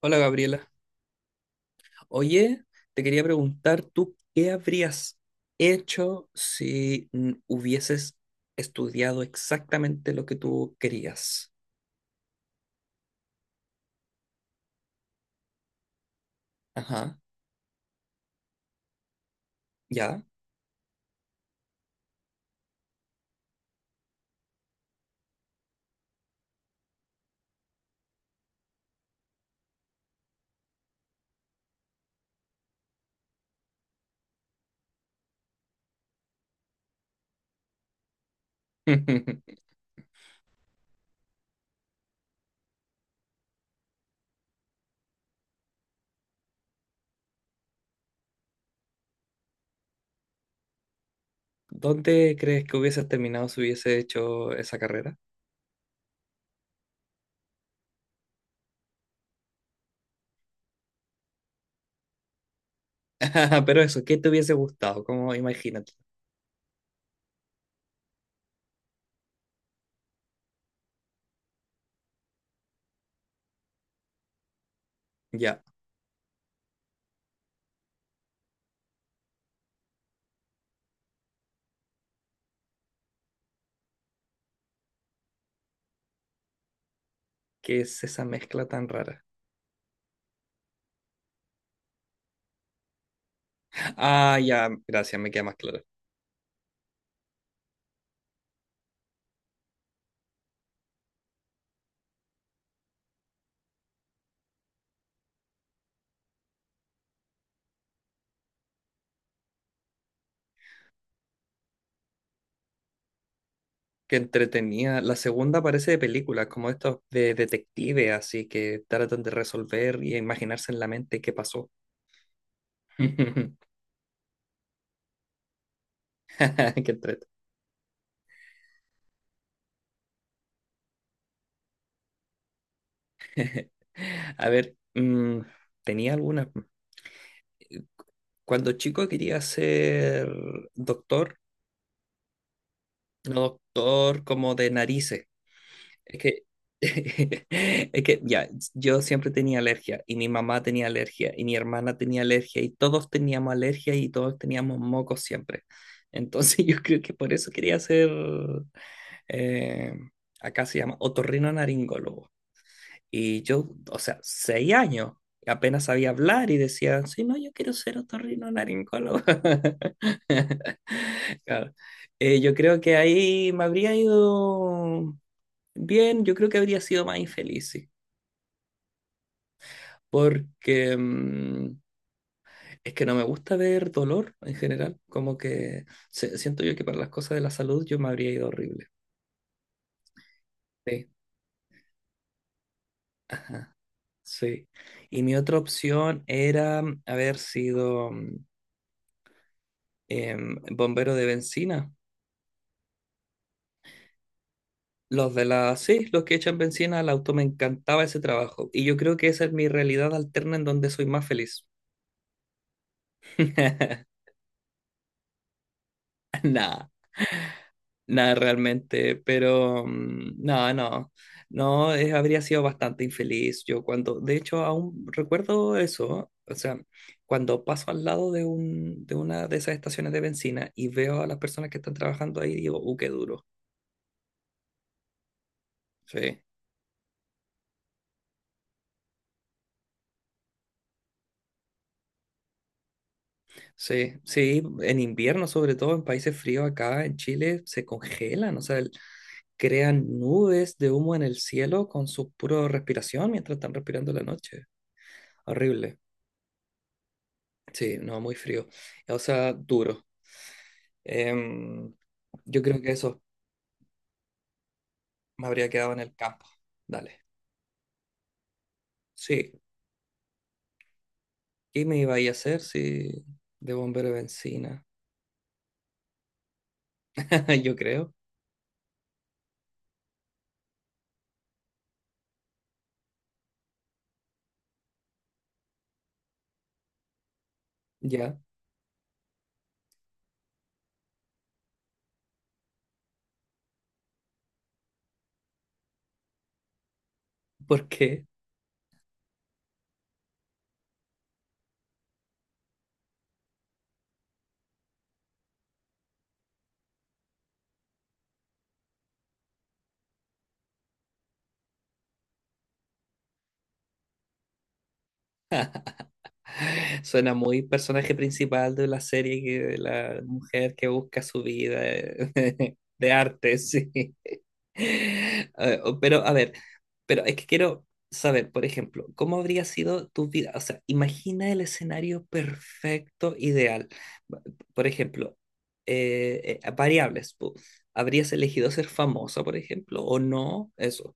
Hola Gabriela. Oye, te quería preguntar, ¿tú qué habrías hecho si hubieses estudiado exactamente lo que tú querías? Ajá, ¿ya? ¿Dónde crees que hubieses terminado si hubiese hecho esa carrera? Pero eso, ¿qué te hubiese gustado? Como imagínate. Ya, ¿qué es esa mezcla tan rara? Ah, ya, gracias, me queda más claro. Que entretenía. La segunda parece de películas, como estos de detective, así que tratan de resolver y imaginarse en la mente qué pasó. Qué entrete. A ver, tenía algunas. Cuando chico quería ser doctor, no doctor como de narices. Es que, es que ya, yo siempre tenía alergia y mi mamá tenía alergia y mi hermana tenía alergia y todos teníamos alergia y todos teníamos mocos siempre. Entonces yo creo que por eso quería ser, eh, acá se llama otorrinolaringólogo. Y yo, o sea, 6 años, apenas sabía hablar y decía, sí, no, yo quiero ser otorrinolaringólogo. Claro. Yo creo que ahí me habría ido bien, yo creo que habría sido más infeliz, sí, porque es que no me gusta ver dolor en general, como que siento yo que para las cosas de la salud yo me habría ido horrible. Sí, sí. Y mi otra opción era haber sido bombero de bencina. Los de la, sí, los que echan bencina al auto, me encantaba ese trabajo. Y yo creo que esa es mi realidad alterna en donde soy más feliz. Nah. Nada realmente, pero no, no, no, habría sido bastante infeliz yo cuando, de hecho, aún recuerdo eso, o sea, cuando paso al lado de un, de una de esas estaciones de bencina y veo a las personas que están trabajando ahí, digo, qué duro. Sí, sí, sí, en invierno, sobre todo en países fríos acá en Chile, se congelan, o sea, crean nubes de humo en el cielo con su pura respiración mientras están respirando en la noche. Horrible. Sí, no, muy frío. O sea, duro. Em, yo creo que eso me habría quedado en el campo. Dale. Sí. ¿Qué me iba a ir a hacer si de bombero de bencina? Yo creo. Ya. Porque suena muy personaje principal de la serie, que, de la mujer que busca su vida de, arte, sí. Eh, Pero, a ver, pero es que quiero saber, por ejemplo, ¿cómo habría sido tu vida? O sea, imagina el escenario perfecto, ideal. Va- Por ejemplo, variables. ¿Habrías elegido ser famosa, por ejemplo, o no? Eso.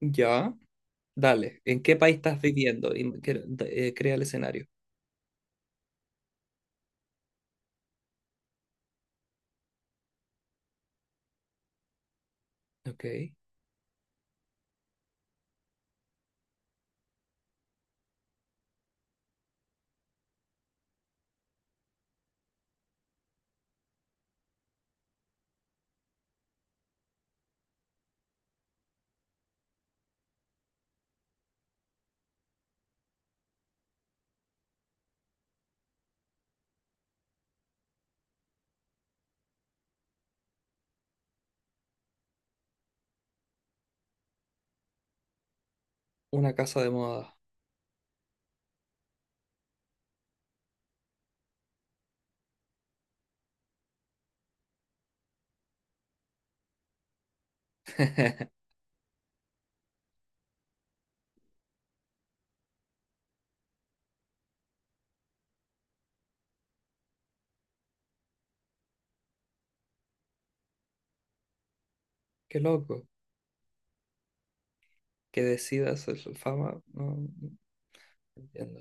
Ya. Dale. ¿En qué país estás viviendo? Y crea el escenario. Ok. Una casa de moda. Qué loco. Que decidas ser fama. No, no no entiendo.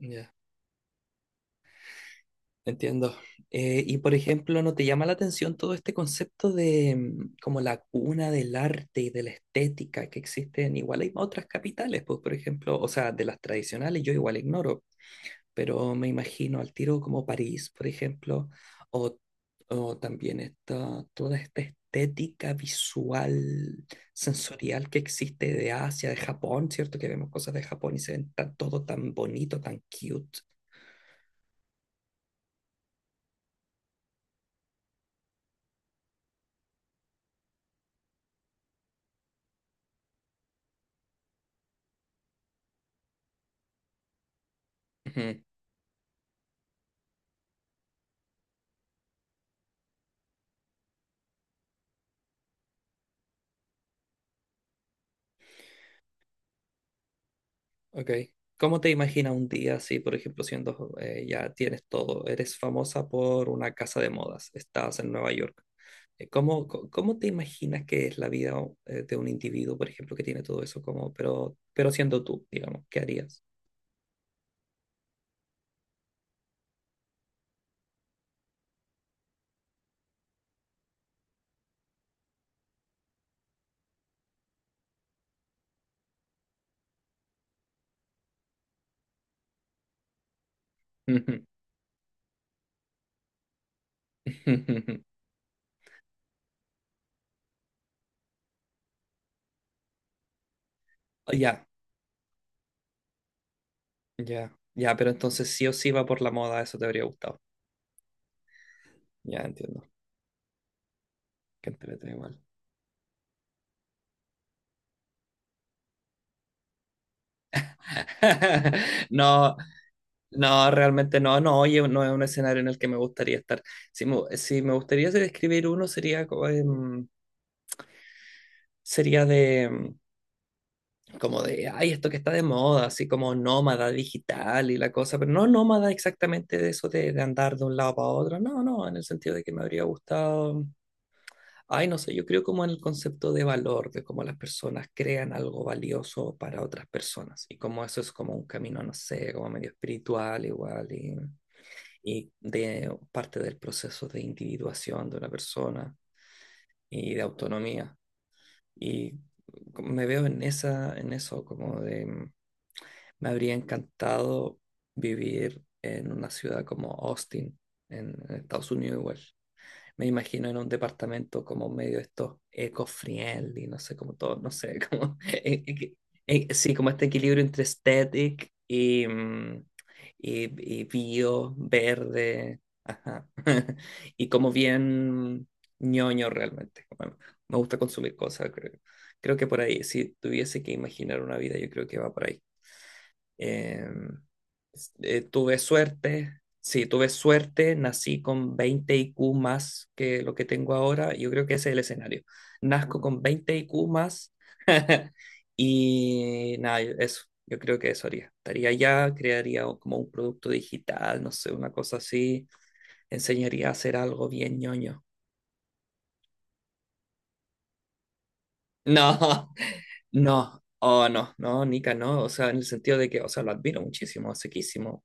Ya. Entiendo. Y por ejemplo, ¿no te llama la atención todo este concepto de como la cuna del arte y de la estética que existe en igual hay otras capitales, pues por ejemplo, o sea, de las tradicionales yo igual ignoro, pero me imagino al tiro como París, por ejemplo, o, o también esta, toda esta estética visual, sensorial que existe de Asia, de Japón, ¿cierto? Que vemos cosas de Japón y se ven tan- todo tan bonito, tan cute. Ok. ¿Cómo te imaginas un día si, por ejemplo, siendo ya tienes todo, eres famosa por una casa de modas, estás en Nueva York? ¿Cómo, cómo te imaginas que es la vida de un individuo, por ejemplo, que tiene todo eso como, pero siendo tú, digamos, ¿qué harías? Ujú, ujú. Ujú. Oh, ya, ya, ya, pero entonces sí o sí va por la moda, eso te habría gustado. Ya entiendo. Que Qué igual. No, no, realmente no, no, oye, no es un escenario en el que me gustaría estar. Si me gustaría describir uno sería, sería de, como de, ay, esto que está de moda, así como nómada digital y la cosa, pero no nómada exactamente de eso de andar de un lado para otro, no, no, en el sentido de que me habría gustado. Ay, no sé, yo creo como en el concepto de valor, de cómo las personas crean algo valioso para otras personas y cómo eso es como un camino, no sé, como medio espiritual igual y de parte del proceso de individuación de una persona y de autonomía. Y me veo en esa, en eso, como de, me habría encantado vivir en una ciudad como Austin, en Estados Unidos igual me imagino en un departamento como medio estos eco-friendly, no sé, como todo, no sé, como, sí, como este equilibrio entre aesthetic y bio, verde, ajá, y como bien ñoño realmente. Bueno, me gusta consumir cosas, creo que por ahí, si tuviese que imaginar una vida, yo creo que va por ahí. Eh, Tuve suerte, sí, tuve suerte, nací con 20 IQ más que lo que tengo ahora. Yo creo que ese es el escenario. Nazco con 20 IQ más y nada, eso, yo creo que eso haría. Estaría allá, crearía como un producto digital, no sé, una cosa así, enseñaría a hacer algo bien ñoño. No, no, oh no, no, Nika, no, o sea, en el sentido de que, o sea, lo admiro muchísimo, sequísimo,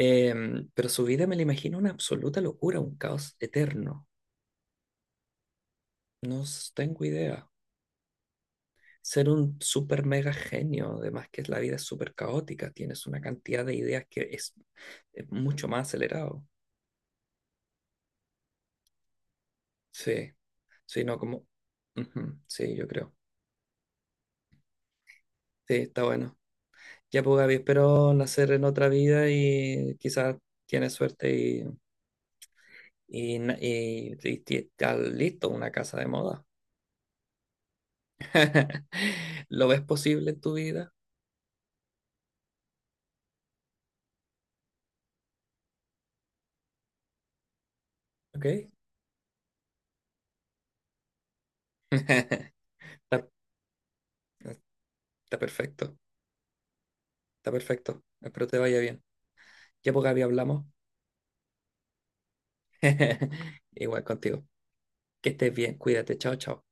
Pero su vida me la imagino una absoluta locura, un caos eterno. No tengo idea. Ser un super mega genio, además que la vida es súper caótica, tienes una cantidad de ideas que es mucho más acelerado. Sí, sí, no, como... Ujú, sí, yo creo. Sí, está bueno. Ya pues Gaby, espero nacer en otra vida y quizás tienes suerte y está listo una casa de moda. ¿Lo ves posible en tu vida? ¿Ok? Está, está perfecto, está perfecto. Espero te vaya bien. Ya pues, Gaby, hablamos. Igual contigo. Que estés bien, cuídate, chao, chao.